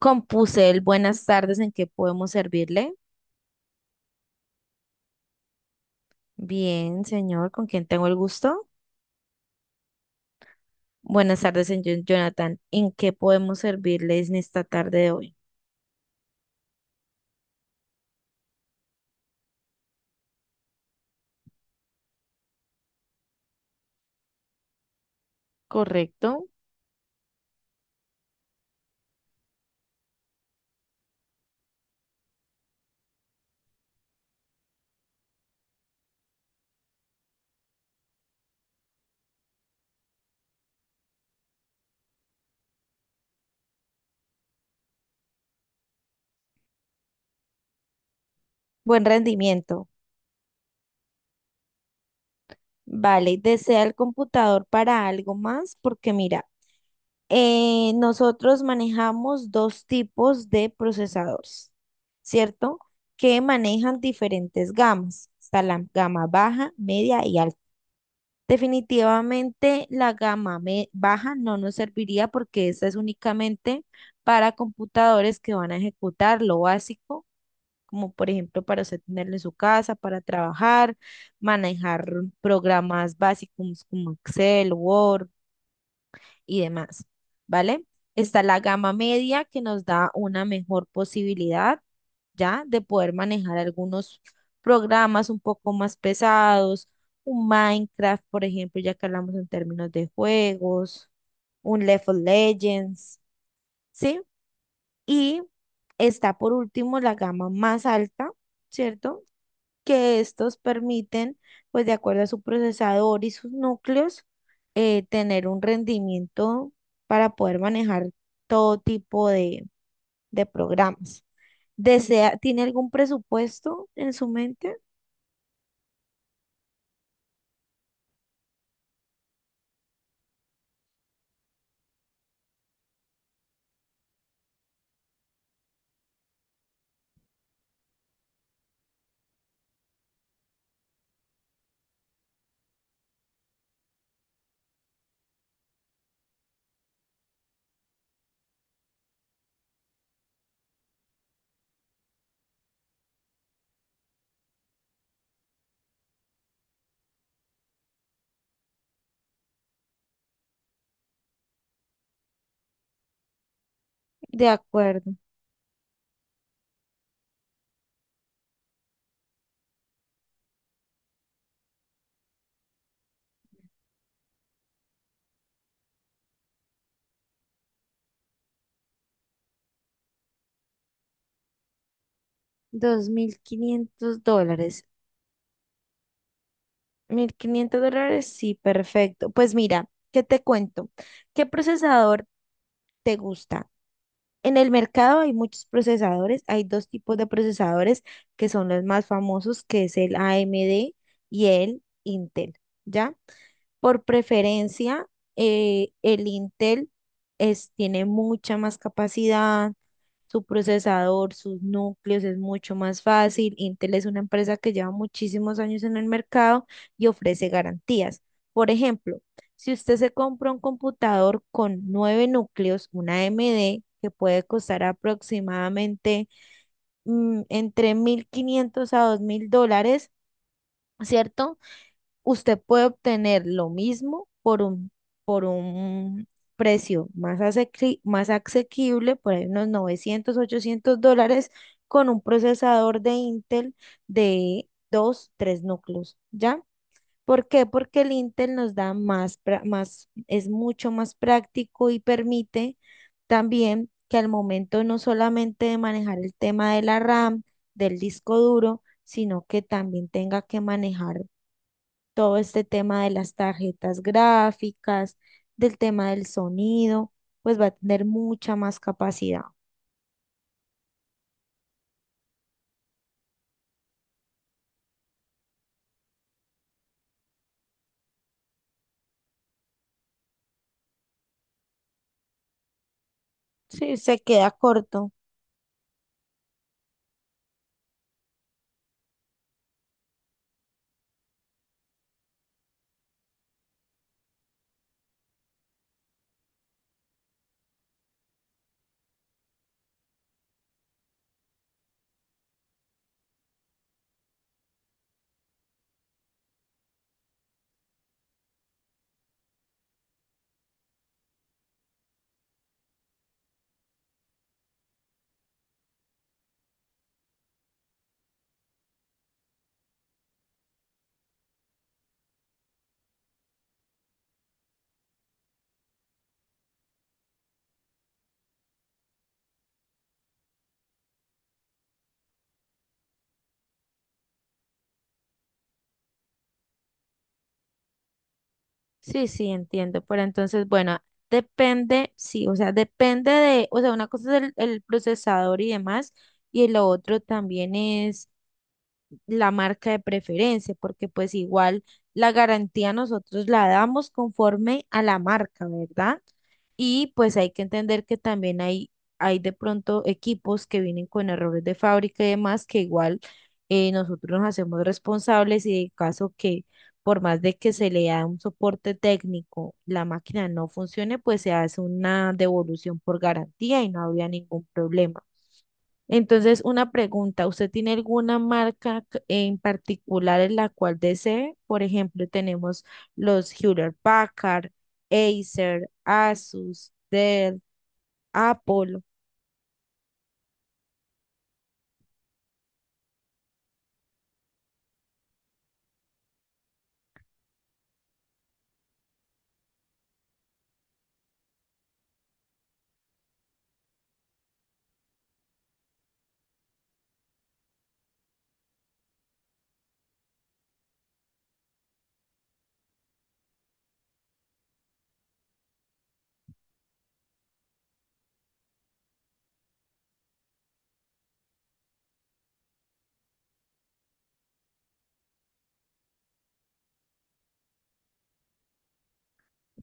Compuse el buenas tardes, ¿en qué podemos servirle? Bien, señor, ¿con quién tengo el gusto? Buenas tardes, señor Jonathan, ¿en qué podemos servirles en esta tarde de hoy? Correcto. Buen rendimiento. Vale, ¿desea el computador para algo más? Porque mira, nosotros manejamos dos tipos de procesadores, ¿cierto? Que manejan diferentes gamas. Está la gama baja, media y alta. Definitivamente la baja no nos serviría porque esa es únicamente para computadores que van a ejecutar lo básico, como por ejemplo para usted tenerlo en su casa, para trabajar, manejar programas básicos como Excel, Word y demás, ¿vale? Está la gama media que nos da una mejor posibilidad ya de poder manejar algunos programas un poco más pesados, un Minecraft, por ejemplo, ya que hablamos en términos de juegos, un League of Legends, ¿sí? Y está por último la gama más alta, ¿cierto? Que estos permiten, pues de acuerdo a su procesador y sus núcleos, tener un rendimiento para poder manejar todo tipo de programas. Desea, ¿tiene algún presupuesto en su mente? De acuerdo, $2,500. $1,500, sí, perfecto. Pues mira, ¿qué te cuento? ¿Qué procesador te gusta? En el mercado hay muchos procesadores, hay dos tipos de procesadores que son los más famosos, que es el AMD y el Intel, ¿ya? Por preferencia, el Intel es, tiene mucha más capacidad, su procesador, sus núcleos, es mucho más fácil. Intel es una empresa que lleva muchísimos años en el mercado y ofrece garantías. Por ejemplo, si usted se compra un computador con nueve núcleos, una AMD, que puede costar aproximadamente, entre $1,500 a $2,000, ¿cierto? Usted puede obtener lo mismo por un precio más, más asequible, por ahí unos $900 $800, con un procesador de Intel de 2 3 núcleos, ¿ya? ¿Por qué? Porque el Intel nos da más, es mucho más práctico y permite también que al momento no solamente de manejar el tema de la RAM, del disco duro, sino que también tenga que manejar todo este tema de las tarjetas gráficas, del tema del sonido, pues va a tener mucha más capacidad. Sí, se queda corto. Sí, sí, entiendo. Pero entonces, bueno, depende, sí, o sea, depende de, o sea, una cosa es el procesador y demás, y lo otro también es la marca de preferencia, porque pues igual la garantía nosotros la damos conforme a la marca, ¿verdad? Y pues hay que entender que también hay de pronto equipos que vienen con errores de fábrica y demás, que igual nosotros nos hacemos responsables y en caso que por más de que se le da un soporte técnico, la máquina no funcione, pues se hace una devolución por garantía y no había ningún problema. Entonces, una pregunta, ¿usted tiene alguna en particular en la cual desee? Por ejemplo, tenemos los Hewlett Packard, Acer, Asus, Dell, Apple.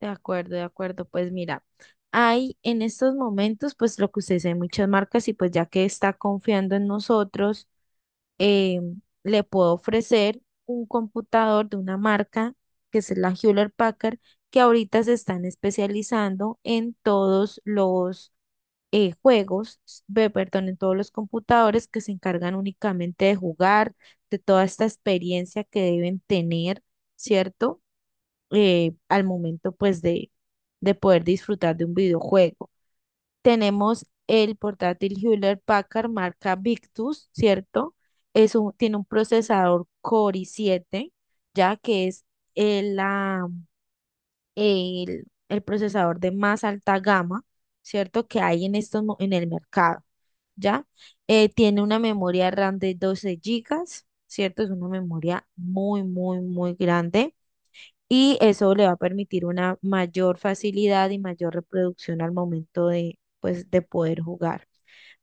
De acuerdo, de acuerdo. Pues mira, hay en estos momentos, pues lo que usted dice, hay muchas marcas y pues ya que está confiando en nosotros. eh, Le puedo ofrecer un computador de una marca que es la Hewlett Packard, que ahorita se están especializando en todos los juegos, perdón, en todos los computadores que se encargan únicamente de jugar, de toda esta experiencia que deben tener, ¿cierto? Al momento, pues, de poder disfrutar de un videojuego. Tenemos el portátil Hewlett Packard marca Victus, ¿cierto? Tiene un procesador Core i7, ya que es el, la- el procesador de más alta gama, ¿cierto? Que hay en en el mercado, ¿ya? Tiene una memoria RAM de 12 gigas, ¿cierto? Es una memoria muy, muy, muy grande y eso le va a permitir una mayor facilidad y mayor reproducción al momento de, pues, de poder jugar,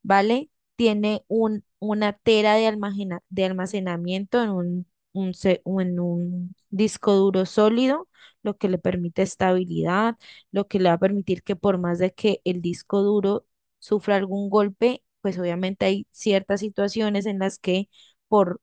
¿vale? Tiene una tera de almacenamiento en un se- o en un disco duro sólido, lo que le permite estabilidad, lo que le va a permitir que por más de que el disco duro sufra algún golpe, pues obviamente hay ciertas situaciones en las que por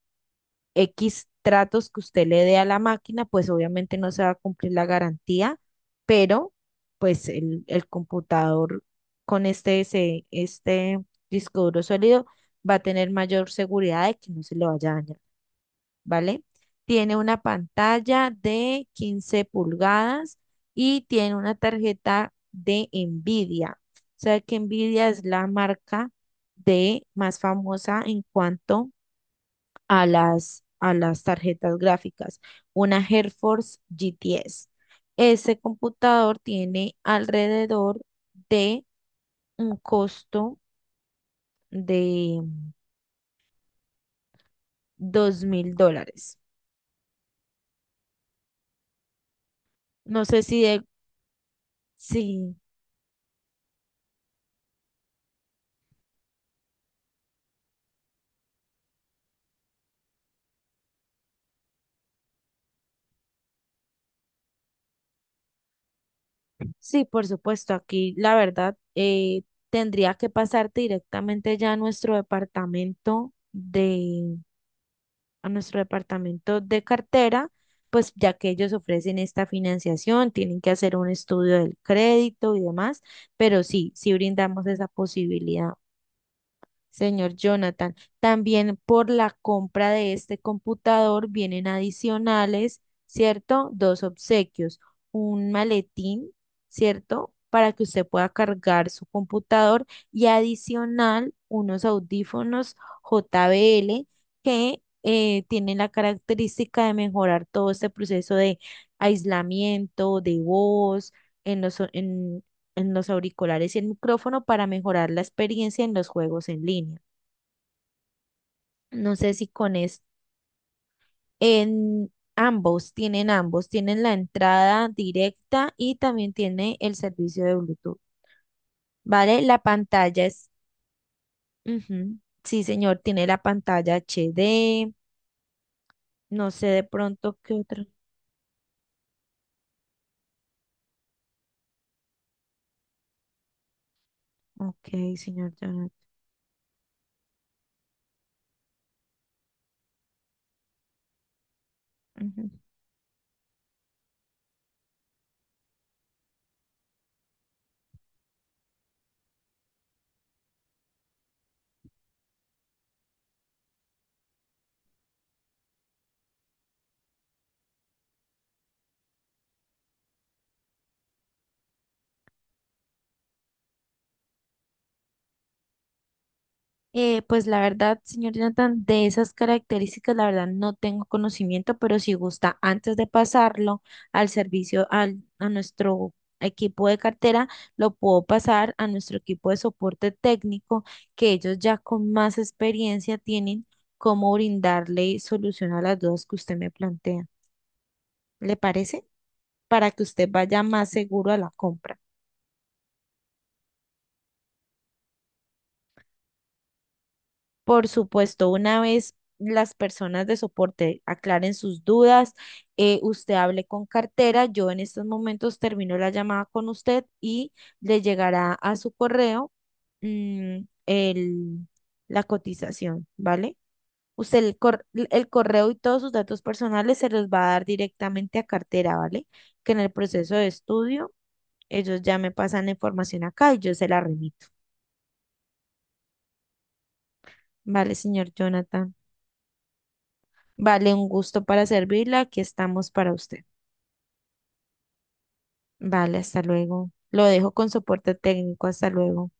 X tratos que usted le dé a la máquina, pues obviamente no se va a cumplir la garantía, pero pues el computador con este disco duro sólido va a tener mayor seguridad de que no se le vaya a dañar, ¿vale? Tiene una pantalla de 15 pulgadas y tiene una tarjeta de Nvidia. O sea que Nvidia es la marca de más famosa en cuanto a las tarjetas gráficas, una GeForce GTS. Ese computador tiene alrededor de un costo de $2,000. No sé si de, sí, sí, por supuesto, aquí la verdad tendría que pasarte directamente ya a nuestro departamento de cartera, pues ya que ellos ofrecen esta financiación, tienen que hacer un estudio del crédito y demás, pero sí, sí brindamos esa posibilidad. Señor Jonathan, también por la compra de este computador vienen adicionales, ¿cierto? Dos obsequios, un maletín, ¿cierto? Para que usted pueda cargar su computador, y adicional unos audífonos JBL que tienen la característica de mejorar todo este proceso de aislamiento, de voz, en los o- en los auriculares y el micrófono para mejorar la experiencia en los juegos en línea. No sé si con es En ambos tienen la entrada directa y también tiene el servicio de Bluetooth, ¿vale? Ujú. Sí, señor, tiene la pantalla HD, no sé de pronto qué otro. Ok, señor. Ya, ujú. Pues la verdad, señor Jonathan, de esas características, la verdad no tengo conocimiento, pero si gusta, antes de pasarlo al servicio, a nuestro equipo de cartera, lo puedo pasar a nuestro equipo de soporte técnico, que ellos ya con más experiencia tienen cómo brindarle solución a las dudas que usted me plantea. ¿Le parece? Para que usted vaya más seguro a la compra. Por supuesto, una vez las personas de soporte aclaren sus dudas, usted hable con cartera, yo en estos momentos termino la llamada con usted y le llegará a su correo, mm, el, la cotización, ¿vale? Usted el correo y todos sus datos personales se los va a dar directamente a cartera, ¿vale? Que en el proceso de estudio ellos ya me pasan la información acá y yo se la remito. ¿Vale, señor Jonathan? Vale, un gusto para servirla. Aquí estamos para usted. Vale, hasta luego. Lo dejo con soporte técnico. Hasta luego.